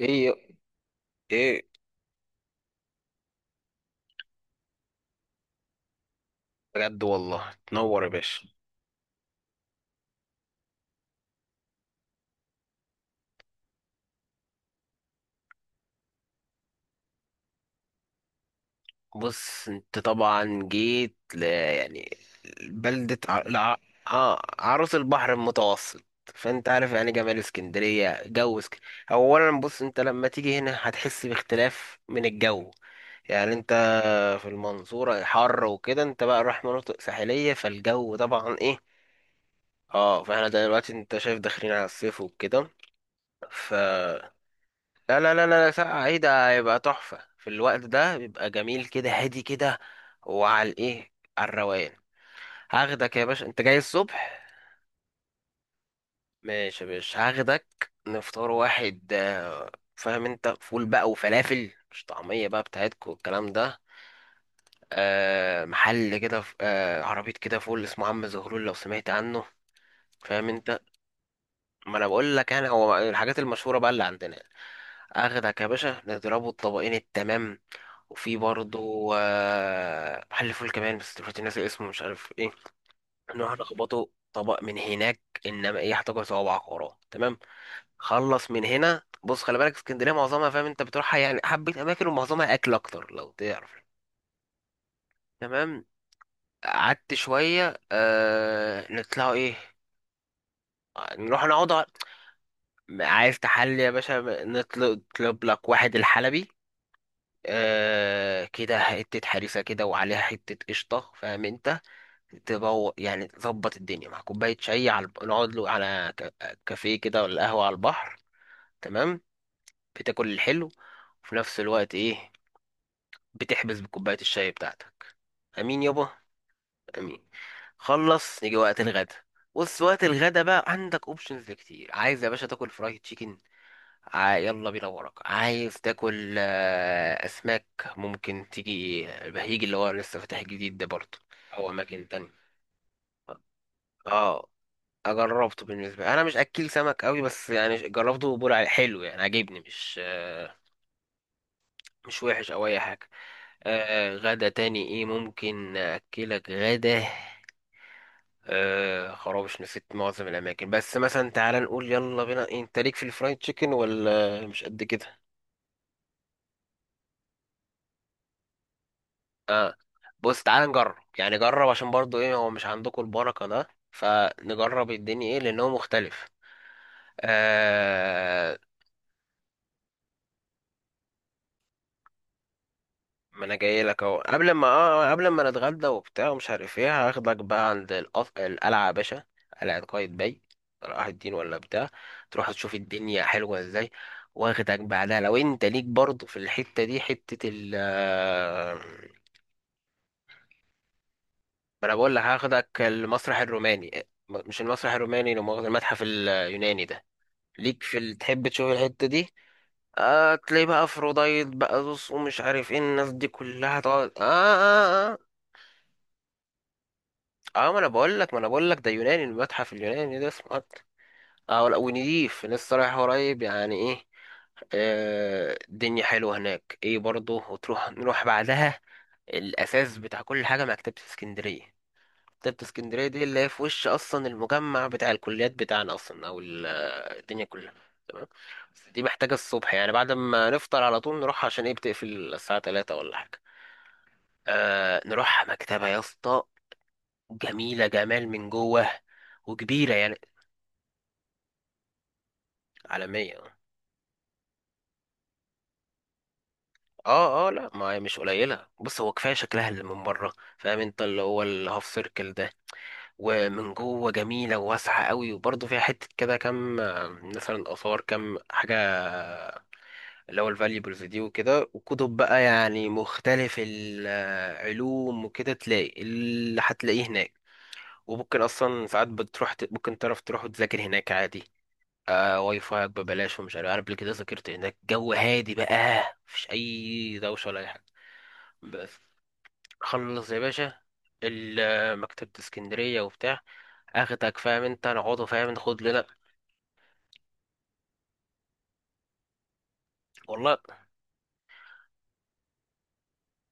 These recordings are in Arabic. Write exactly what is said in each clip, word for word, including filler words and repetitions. ايه، ايه. بجد والله تنور يا باشا. بص انت طبعا جيت ل يعني بلدة ع... لع... آه عروس البحر المتوسط. فانت عارف يعني جمال اسكندرية جو اسكندرية. اولا بص انت لما تيجي هنا هتحس باختلاف من الجو، يعني انت في المنصورة حر وكده، انت بقى رايح مناطق ساحلية فالجو طبعا ايه. اه فاحنا دلوقتي انت شايف داخلين على الصيف وكده ف لا لا لا لا لا، ساقعة ايه ده، هيبقى تحفة في الوقت ده، بيبقى جميل كده هادي كده. وعلى الايه، على الروقان. هاخدك يا باشا، انت جاي الصبح. ماشي يا باشا هاخدك نفطار واحد آه، فاهم انت، فول بقى وفلافل مش طعمية بقى بتاعتكو والكلام ده. آه محل كده ف- آه عربية كده فول اسمه عم زهرول، لو سمعت عنه. فاهم انت، ما انا بقول لك انا هو الحاجات المشهورة بقى اللي عندنا. اخدك يا باشا نضربه الطبقين التمام. وفي برضو آه، محل فول كمان بس دلوقتي ناسي اسمه مش عارف ايه. نروح نخبطه طبق من هناك، انما ايه هتاكل صوابعك وراه تمام. خلص من هنا. بص خلي بالك اسكندريه معظمها فاهم انت بتروحها يعني حبه اماكن ومعظمها اكل اكتر لو تعرف. تمام، قعدت شويه آه نطلعوا ايه. نروح نقعد على- عايز تحلي يا باشا نطلب نطلب لك واحد الحلبي. آه كده حته حريسه كده، وعليها حته قشطه فاهم انت. تبو يعني تظبط الدنيا مع كوباية شاي على الب- نقعد له على ك- كافيه كده ولا قهوة على البحر. تمام، بتاكل الحلو وفي نفس الوقت ايه، بتحبس بكوباية الشاي بتاعتك. امين يابا، امين. خلص يجي وقت الغدا. بص وقت الغدا بقى عندك اوبشنز كتير. عايز يا باشا تاكل فرايد تشيكن، ع- يلا بينا وراك. عايز تاكل آه، اسماك ممكن تيجي البهيج اللي هو لسه فاتح جديد ده برضه، او اماكن تانية. اه جربته بالنسبه لي. انا مش اكل سمك قوي بس يعني جربته وبقول عليه حلو، يعني عجبني مش آه، مش وحش او اي حاجه. آه، غدا تاني ايه ممكن اكلك غدا، آه خرابش نسيت معظم الاماكن. بس مثلا تعال نقول يلا بينا إيه، انت ليك في الفرايد تشيكن ولا مش قد كده؟ بص تعال نجرب يعني جرب عشان برضو ايه هو مش عندكم البركه ده، فنجرب الدنيا ايه لأن هو مختلف. آه ما انا جاي لك اهو، قبل ما اه آه، قبل ما نتغدى وبتاع ومش عارف ايه هاخدك بقى عند القف... القلعه يا باشا. قلعه قايتباي باي صلاح الدين ولا بتاع. تروح تشوف الدنيا حلوه ازاي. واخدك بعدها لو انت ليك برضه في الحته دي حته ال آه، ما انا بقول لك هاخدك المسرح الروماني، م- مش المسرح الروماني لو مؤاخذة، المتحف اليوناني ده. ليك في ال... تحب تشوف الحته دي؟ آه تلاقي بقى افروديت بقى زوس ومش عارف ايه الناس دي كلها تقعد آه, آه, آه، آه. اه ما انا بقول لك ما انا بقول لك ده يوناني، المتحف اليوناني ده اسمه أط- اه ولا- ونضيف لسه رايح قريب يعني ايه. آه الدنيا حلوه هناك ايه برضه، وتروح نروح بعدها الاساس بتاع كل حاجه، مكتبه اسكندريه. مكتبه اسكندريه دي اللي هي في وش اصلا المجمع بتاع الكليات بتاعنا اصلا او ال- الدنيا كلها. تمام، بس دي محتاجه الصبح يعني، بعد ما نفطر على طول نروح عشان ايه بتقفل الساعه ثلاثة ولا حاجه. آه نروح مكتبه يا اسطى، جميله جمال من جوه وكبيرة يعني عالمية. اه اه لا ما هي مش قليلة. بص هو كفاية شكلها اللي من بره فاهم انت، اللي هو الهاف سيركل ده، ومن جوه جميلة وواسعة قوي، وبرضه فيها حتة كده كام آه، مثلا آثار، كام حاجة اللي هو الفاليبلز دي وكده، وكتب بقى يعني مختلف العلوم وكده تلاقي اللي هتلاقيه هناك. وممكن أصلا ساعات بتروح ت- ممكن تعرف تروح وتذاكر هناك عادي، آه واي فاي ببلاش ومش عارف، عارف قبل كده ذاكرت هناك جو هادي بقى، مفيش أي دوشة ولا أي حاجة. بس خلص يا باشا، ال- مكتبة اسكندرية وبتاع، اخدك فاهم انت نقعدوا فاهم ناخد لنا. والله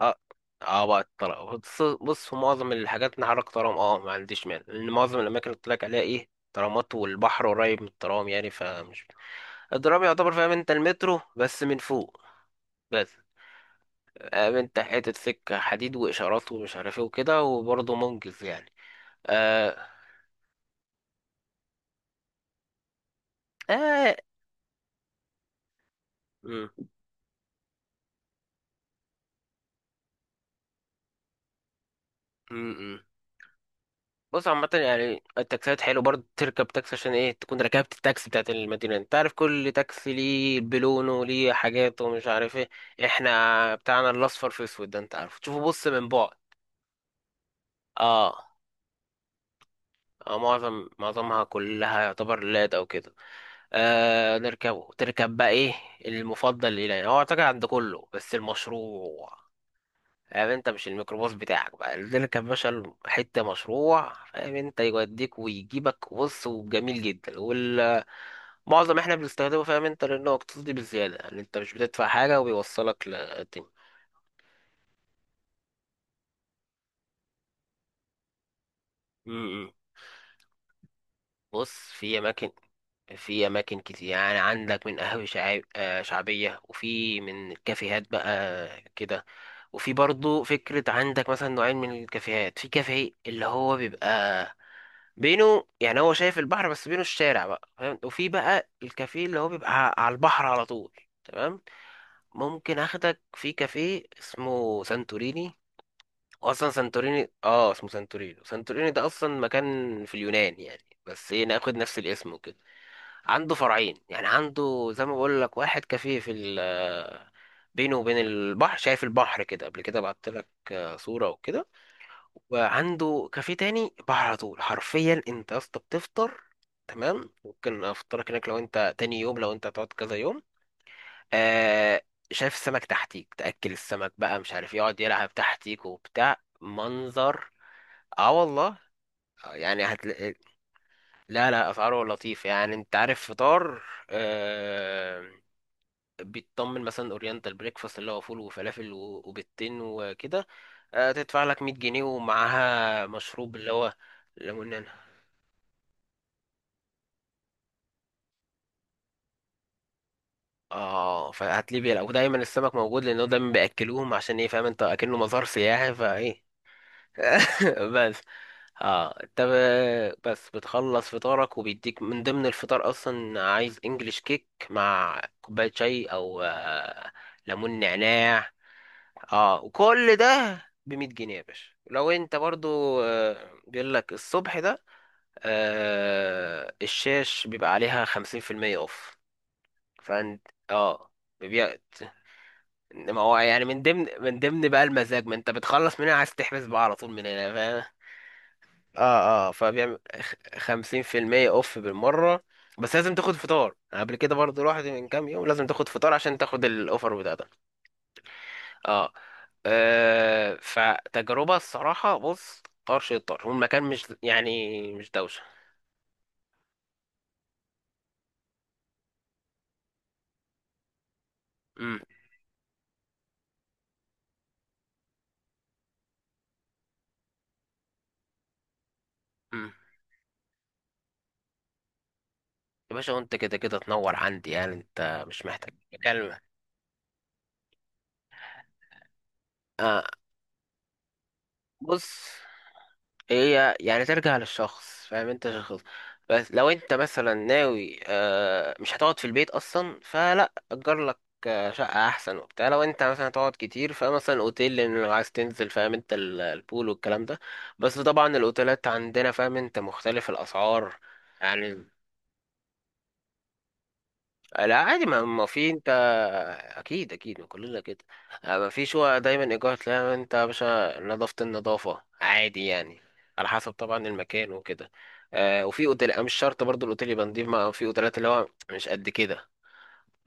اه اه بقى الطلاق، بص بص في معظم الحاجات نحرك ترام، اه ما عنديش مانع لان معظم الاماكن اللي قلت لك عليها ايه ترامات، والبحر قريب من الترام يعني فمش. الترام يعتبر فاهم انت المترو بس من فوق بس، فاهم انت حتة سكة حديد واشارات ومش عارف ايه وكده، وبرضه منجز يعني. اه اه. مم. مم. بص عامة يعني التاكسيات حلو برضه تركب تاكسي، عشان ايه تكون ركبت التاكسي بتاعت المدينة، انت عارف كل تاكسي ليه بلونه ليه حاجاته ومش عارف ايه. احنا بتاعنا الاصفر في اسود ده انت عارف تشوفه بص من بعد. اه اه معظم معظمها كلها يعتبر لاد او كده. آه نركبه تركب بقى ايه المفضل ليه، يعني هو اعتقد عند كله بس المشروع. فاهم انت مش الميكروباص بتاعك بقى تركب باشا حتة مشروع، فاهم انت يوديك ويجيبك بص، وجميل جدا وال معظم احنا بنستخدمه فاهم انت لانه اقتصادي بزياده، يعني انت مش بتدفع حاجه وبيوصلك للدنيا. امم بص في اماكن في اماكن كتير يعني، عندك من قهاوي شعاب- آه، شعبيه، وفي من كافيهات بقى كده. وفي برضو فكرة عندك مثلا نوعين من الكافيهات، في كافيه اللي هو بيبقى بينه يعني هو شايف البحر بس بينه الشارع بقى فاهم، وفي بقى الكافيه اللي هو بيبقى ع- على البحر على طول. تمام، ممكن اخدك في كافيه اسمه سانتوريني. اصلا سانتوريني اه اسمه سانتورينو، سانتوريني ده اصلا مكان في اليونان يعني بس ايه ناخد نفس الاسم وكده. عنده فرعين يعني، عنده زي ما بقول لك واحد كافيه في ال بينه وبين البحر، شايف البحر كده قبل كده بعت لك آه، صورة وكده. وعنده كافيه تاني بحر على طول حرفيا، انت يا اسطى بتفطر. تمام ممكن افطرك هناك لو انت تاني يوم، لو انت هتقعد كذا يوم. آه شايف السمك تحتيك، تأكل السمك بقى مش عارف يقعد يلعب تحتيك وبتاع منظر. اه والله، آه، يعني هتلاقي لا لا، اسعاره لطيفه يعني. انت عارف فطار، آه بيتطمن مثلا اورينتال بريكفاست اللي هو فول وفلافل و- وبيضتين وكده. آه تدفع لك مية جنيه ومعاها مشروب اللي هو ليمونانا. اه فهات ليبيا لا، ودايما السمك موجود لانه دايما بياكلوهم عشان ايه فاهم انت، اكنه مزار سياحي فايه. بس اه انت ب- بس بتخلص فطارك، وبيديك من ضمن الفطار اصلا عايز انجلش كيك مع كوباية شاي او آه، ليمون نعناع. اه وكل ده بمية جنيه يا باشا. لو انت برضو آه، بيقول لك الصبح ده آه، الشاش بيبقى عليها خمسين في المية اوف. فانت اه بيبيع، انما هو يعني من ضمن من ضمن بقى المزاج، ما انت بتخلص من هنا عايز تحبس بقى على طول من هنا. اه اه فبيعمل خمسين في المية اوف بالمرة، بس لازم تاخد فطار. أنا قبل كده برضو رحت من كام يوم، لازم تاخد فطار عشان تاخد الاوفر بتاعتك. اه آه، فتجربة الصراحة بص، طرش الطرش والمكان مش يعني مش دوشة. امم امم يا باشا وانت كده كده تنور عندي يعني، انت مش محتاج كلمة. آه بص هي يعني ترجع للشخص فاهم انت شخص، بس لو انت مثلا ناوي آه، مش هتقعد في البيت اصلا فلا اجر لك آه، شقة احسن وبتاع. لو انت مثلا هتقعد كتير فمثلا الاوتيل، لان لو عايز تنزل فاهم انت ال- البول والكلام ده. بس طبعا الاوتيلات عندنا فاهم انت مختلف الاسعار يعني. لا عادي ما ما في انت، اكيد اكيد ما كلنا كده. آه، ما فيش هو دايما ايجار، تلاقي انت يا باشا نظافة النظافة عادي يعني على حسب طبعا المكان وكده. آه وفي اوتيل آه، مش شرط برضو الاوتيل يبقى نضيف، ما في اوتيلات اللي هو مش قد كده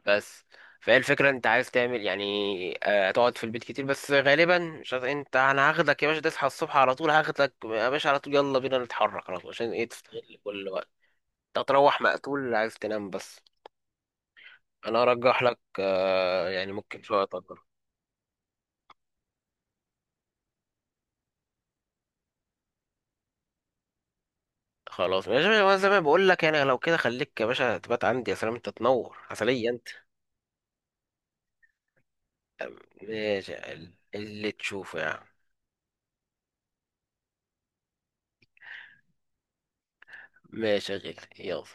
بس. فهي الفكرة انت عايز تعمل يعني آه تقعد في البيت كتير بس، غالبا مش عارف انت انا هاخدك يا باشا تصحى الصبح على طول، هاخدك يا باشا على طول يلا بينا نتحرك على طول عشان ايه تستغل كل وقت، تروح مقتول عايز تنام بس. انا ارجح لك آه، يعني ممكن شويه تأجر. خلاص ماشي يا باشا، وانا زي ما بقول لك يعني لو كده خليك يا باشا تبات عندي، يا سلام انت تنور عسلية انت. ماشي يا قلبي، اللي تشوفه يا عم. ماشي يا غالي يلا